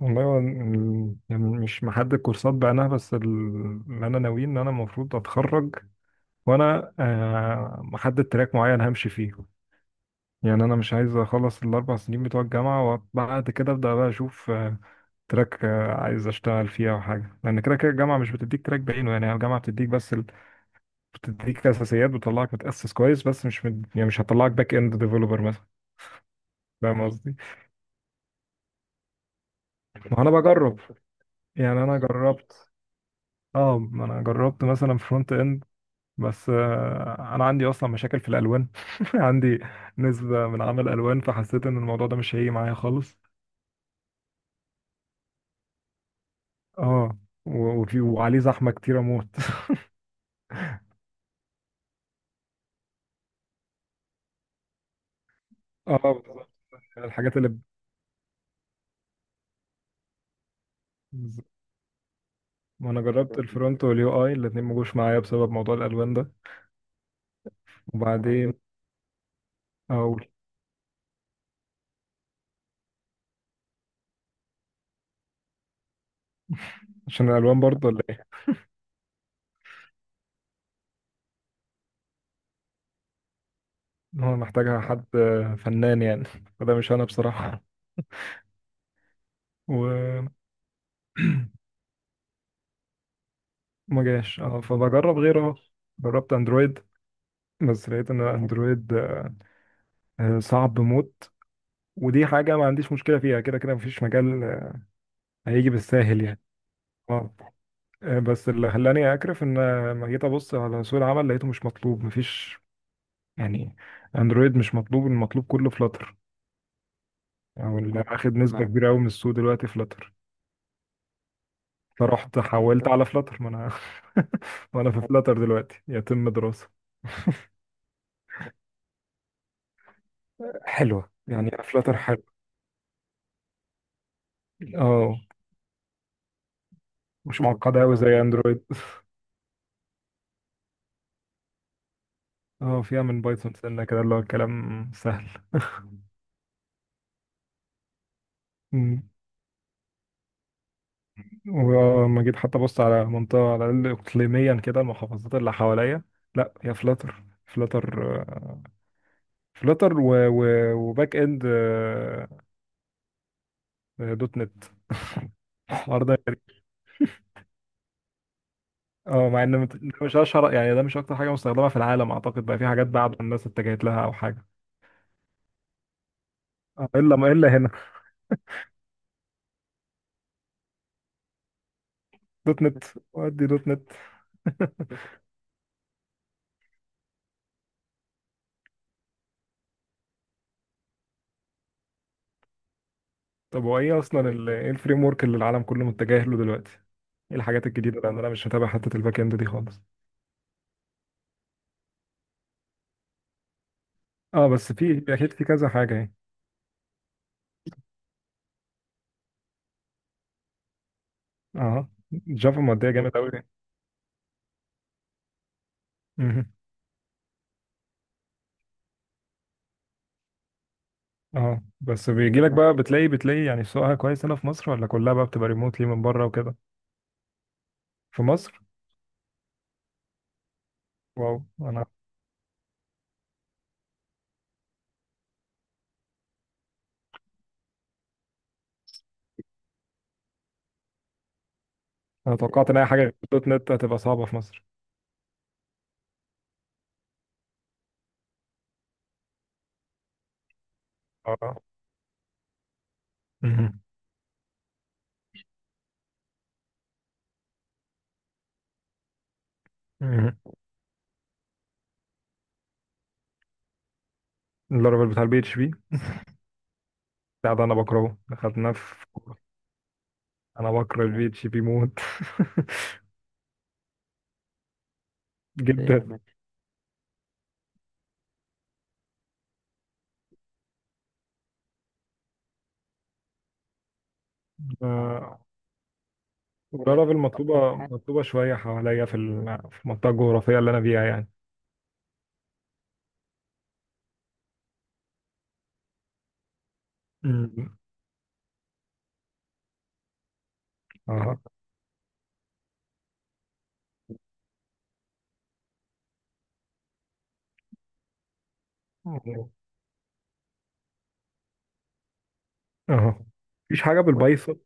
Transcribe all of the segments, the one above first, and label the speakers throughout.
Speaker 1: والله هو يعني مش محدد كورسات بعينها بس اللي انا ناوي ان انا المفروض اتخرج وانا محدد تراك معين همشي فيه. يعني انا مش عايز اخلص 4 سنين بتوع الجامعه وبعد كده ابدا بقى اشوف تراك عايز اشتغل فيه او حاجه، لان كده كده الجامعه مش بتديك تراك بعينه. يعني الجامعه بتديك بس بتديك اساسيات، بتطلعك متاسس كويس بس مش يعني مش هتطلعك باك اند ديفلوبر مثلا. فاهم قصدي؟ ما انا بجرب. يعني انا جربت، اه ما انا جربت مثلا فرونت اند، بس انا عندي اصلا مشاكل في الالوان. عندي نسبة من عمل الوان، فحسيت ان الموضوع ده مش هيجي معايا خالص. اه، وفي وعليه زحمة كتير اموت. اه، بالظبط، يعني الحاجات اللي بز- ما انا جربت الفرونت واليو اي الاتنين ما جوش معايا بسبب موضوع الالوان ده. وبعدين اقول عشان الالوان برضه ولا ايه؟ هو محتاجها حد فنان يعني، فده مش انا بصراحة. وما جاش، اه، فبجرب غيره اهو. جربت اندرويد بس لقيت ان اندرويد صعب موت. ودي حاجة ما عنديش مشكلة فيها، كده كده مفيش مجال هيجي بالساهل يعني. اه. بس اللي خلاني أكرف إن لما جيت أبص على سوق العمل لقيته مش مطلوب. مفيش، يعني، أندرويد مش مطلوب، المطلوب كله فلاتر، أو اللي أخد نسبة ما كبيرة أوي من السوق دلوقتي فلاتر. فرحت حولت على فلاتر. ما أنا، ما أنا في فلاتر دلوقتي يتم دراسة. حلوة يعني، فلاتر حلو. اه، مش معقدة أوي تمام زي أندرويد. اه، فيها من بايثون سنة كده، اللي هو الكلام سهل. ولما جيت حتى بص على منطقة، على الأقل إقليميا كده، المحافظات اللي حواليا، لا هي فلاتر. فلاتر، فلاتر وباك إند، دوت نت. الحوار ده غريب. اه، مع ان ده مش اشهر يعني، ده مش اكتر حاجه مستخدمه في العالم اعتقد. بقى في حاجات بعد الناس اتجهت لها او حاجه. الا ما الا هنا. دوت نت. ودي دوت نت. طب هو ايه اصلا ايه الفريم ورك اللي العالم كله متجه له دلوقتي؟ ايه الحاجات الجديده؟ لان انا مش متابع حته الباك اند دي خالص. اه بس في، اكيد في كذا حاجه يعني. اه، جافا مودية جامد قوي. مهم. اه بس بيجي لك بقى، بتلاقي يعني سوقها كويس هنا في مصر، ولا كلها بقى بتبقى ريموتلي من بره وكده؟ في مصر. واو، انا، انا توقعت ان اي حاجه غير دوت نت هتبقى صعبه في مصر. اه. مهم. مهم. اللارفل بتاع البي اتش بي؟ بتاع ده انا بكرهه، دخلنا في. انا بكره البي اتش بي موت. جدا. آه، اللارفل مطلوبه مطلوبه شويه حواليا في المنطقه الجغرافيه اللي انا فيها يعني. مم. اه. اه، مفيش حاجة بالبايثون.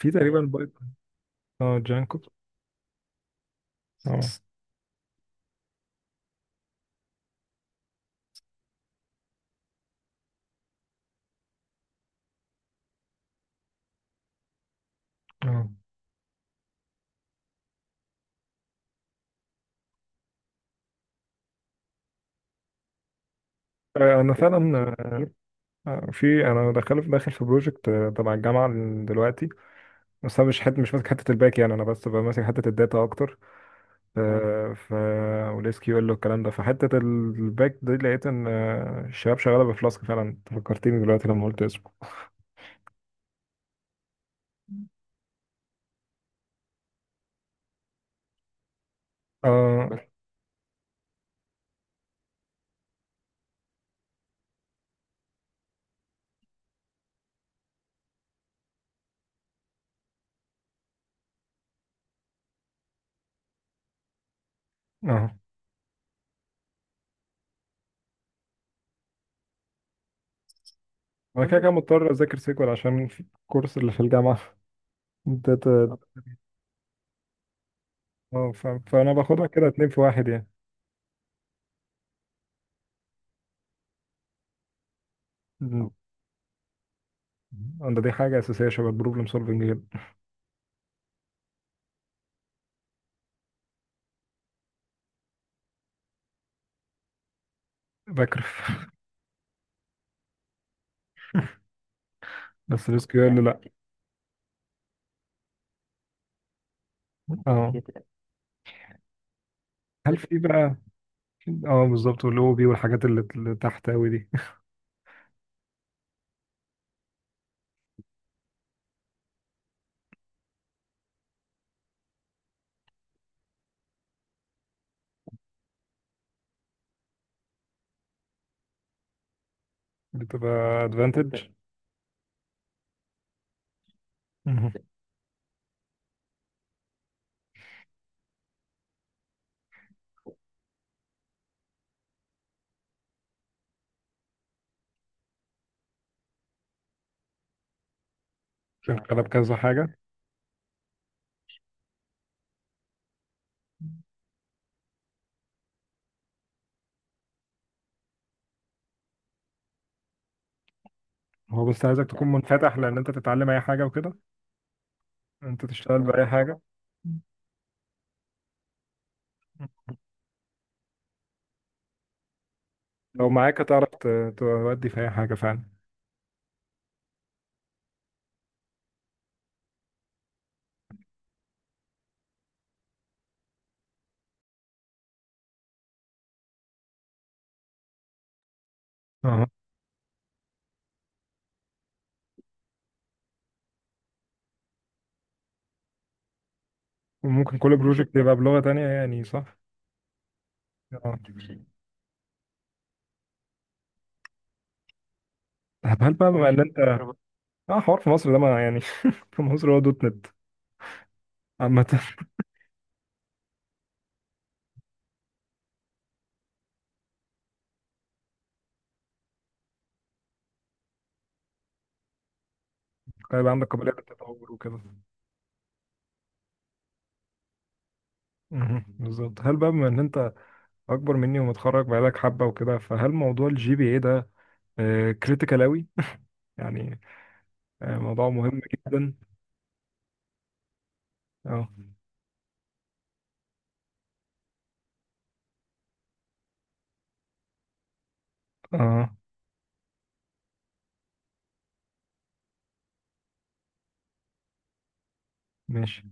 Speaker 1: في تقريبا بايت. اه، جانكو. اه. اه. انا إيه؟ فعلا. في، انا داخل داخل في بروجكت تبع الجامعه دلوقتي، بس انا مش ماسك حته الباك. يعني انا بس ببقى ماسك حته الداتا اكتر. آه، ف والاس كيو ال والكلام ده، فحته الباك دي لقيت ان الشباب شغاله بفلاسك فعلا. أنت فكرتني دلوقتي لما قلت اسمه. اه، بس، اه انا كده بس كده مضطر اذاكر سيكوال عشان في الكورس اللي في الجامعه. داتا. اه فانا باخدها كده اتنين في واحد يعني. دي حاجة أساسية شبه البروبلم سولفنج جدا. بكرف. بس الاس كيو ال، يعني، لا. اه. هل في بقى؟ اه، بالظبط، والاو بي والحاجات اللي تحت أوي دي. بتبقى ادفانتج. انت شغالة بكذا حاجة. هو بس عايزك تكون منفتح، لأن أنت تتعلم أي حاجة وكده، أنت تشتغل بأي حاجة. لو معاك هتعرف تودي في أي حاجة فعلا. اه. وممكن كل بروجكت يبقى بلغة تانية يعني، صح؟ اه. طب هل بقى بما إن أنت، اه حوار في مصر ده ما يعني، في مصر هو دوت نت عامة. هيبقى عندك قابلية للتطور وكده. مهم. بالظبط. هل بقى بما ان انت اكبر مني ومتخرج بقالك حبة وكده، فهل موضوع الجي بي اي ده كريتيكال اوي يعني؟ موضوع مهم جدا. اه. اه. ماشي.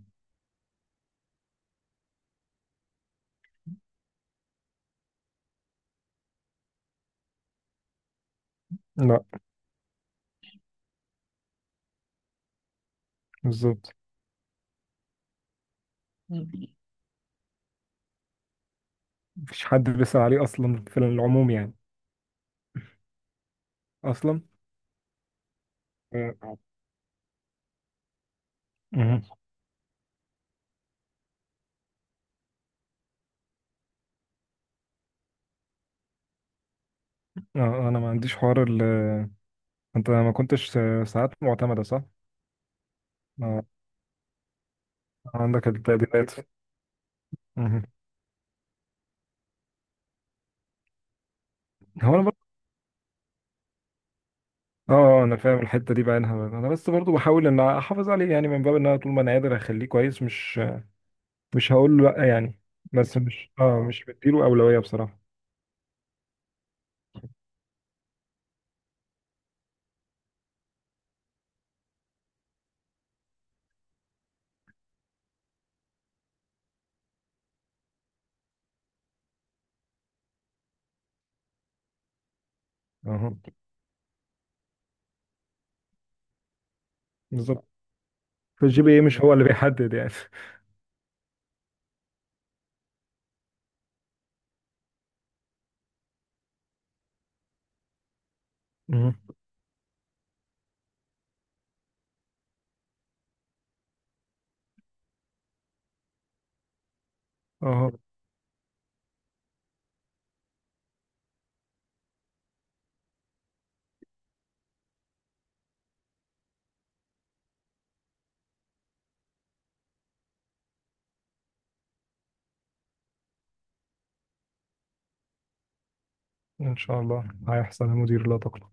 Speaker 1: لا. بالظبط. مفيش حد بيسأل عليه اصلا في العموم يعني. اصلا. اه. مهم. انا ما عنديش حوار انت ما كنتش ساعات معتمدة صح؟ آه، عندك التقديرات. مهم. هو انا اه آه، انا فاهم الحته دي بعينها. انا بس برضو بحاول ان احافظ عليه، يعني من باب ان انا طول ما انا قادر اخليه كويس، مش هقول له لا يعني. بس مش بديله اولويه بصراحه. اه، بالظبط. فالجي بي اي مش هو اللي بيحدد يعني. اهو. ان شاء الله هيحصل يا مدير، لا تقلق.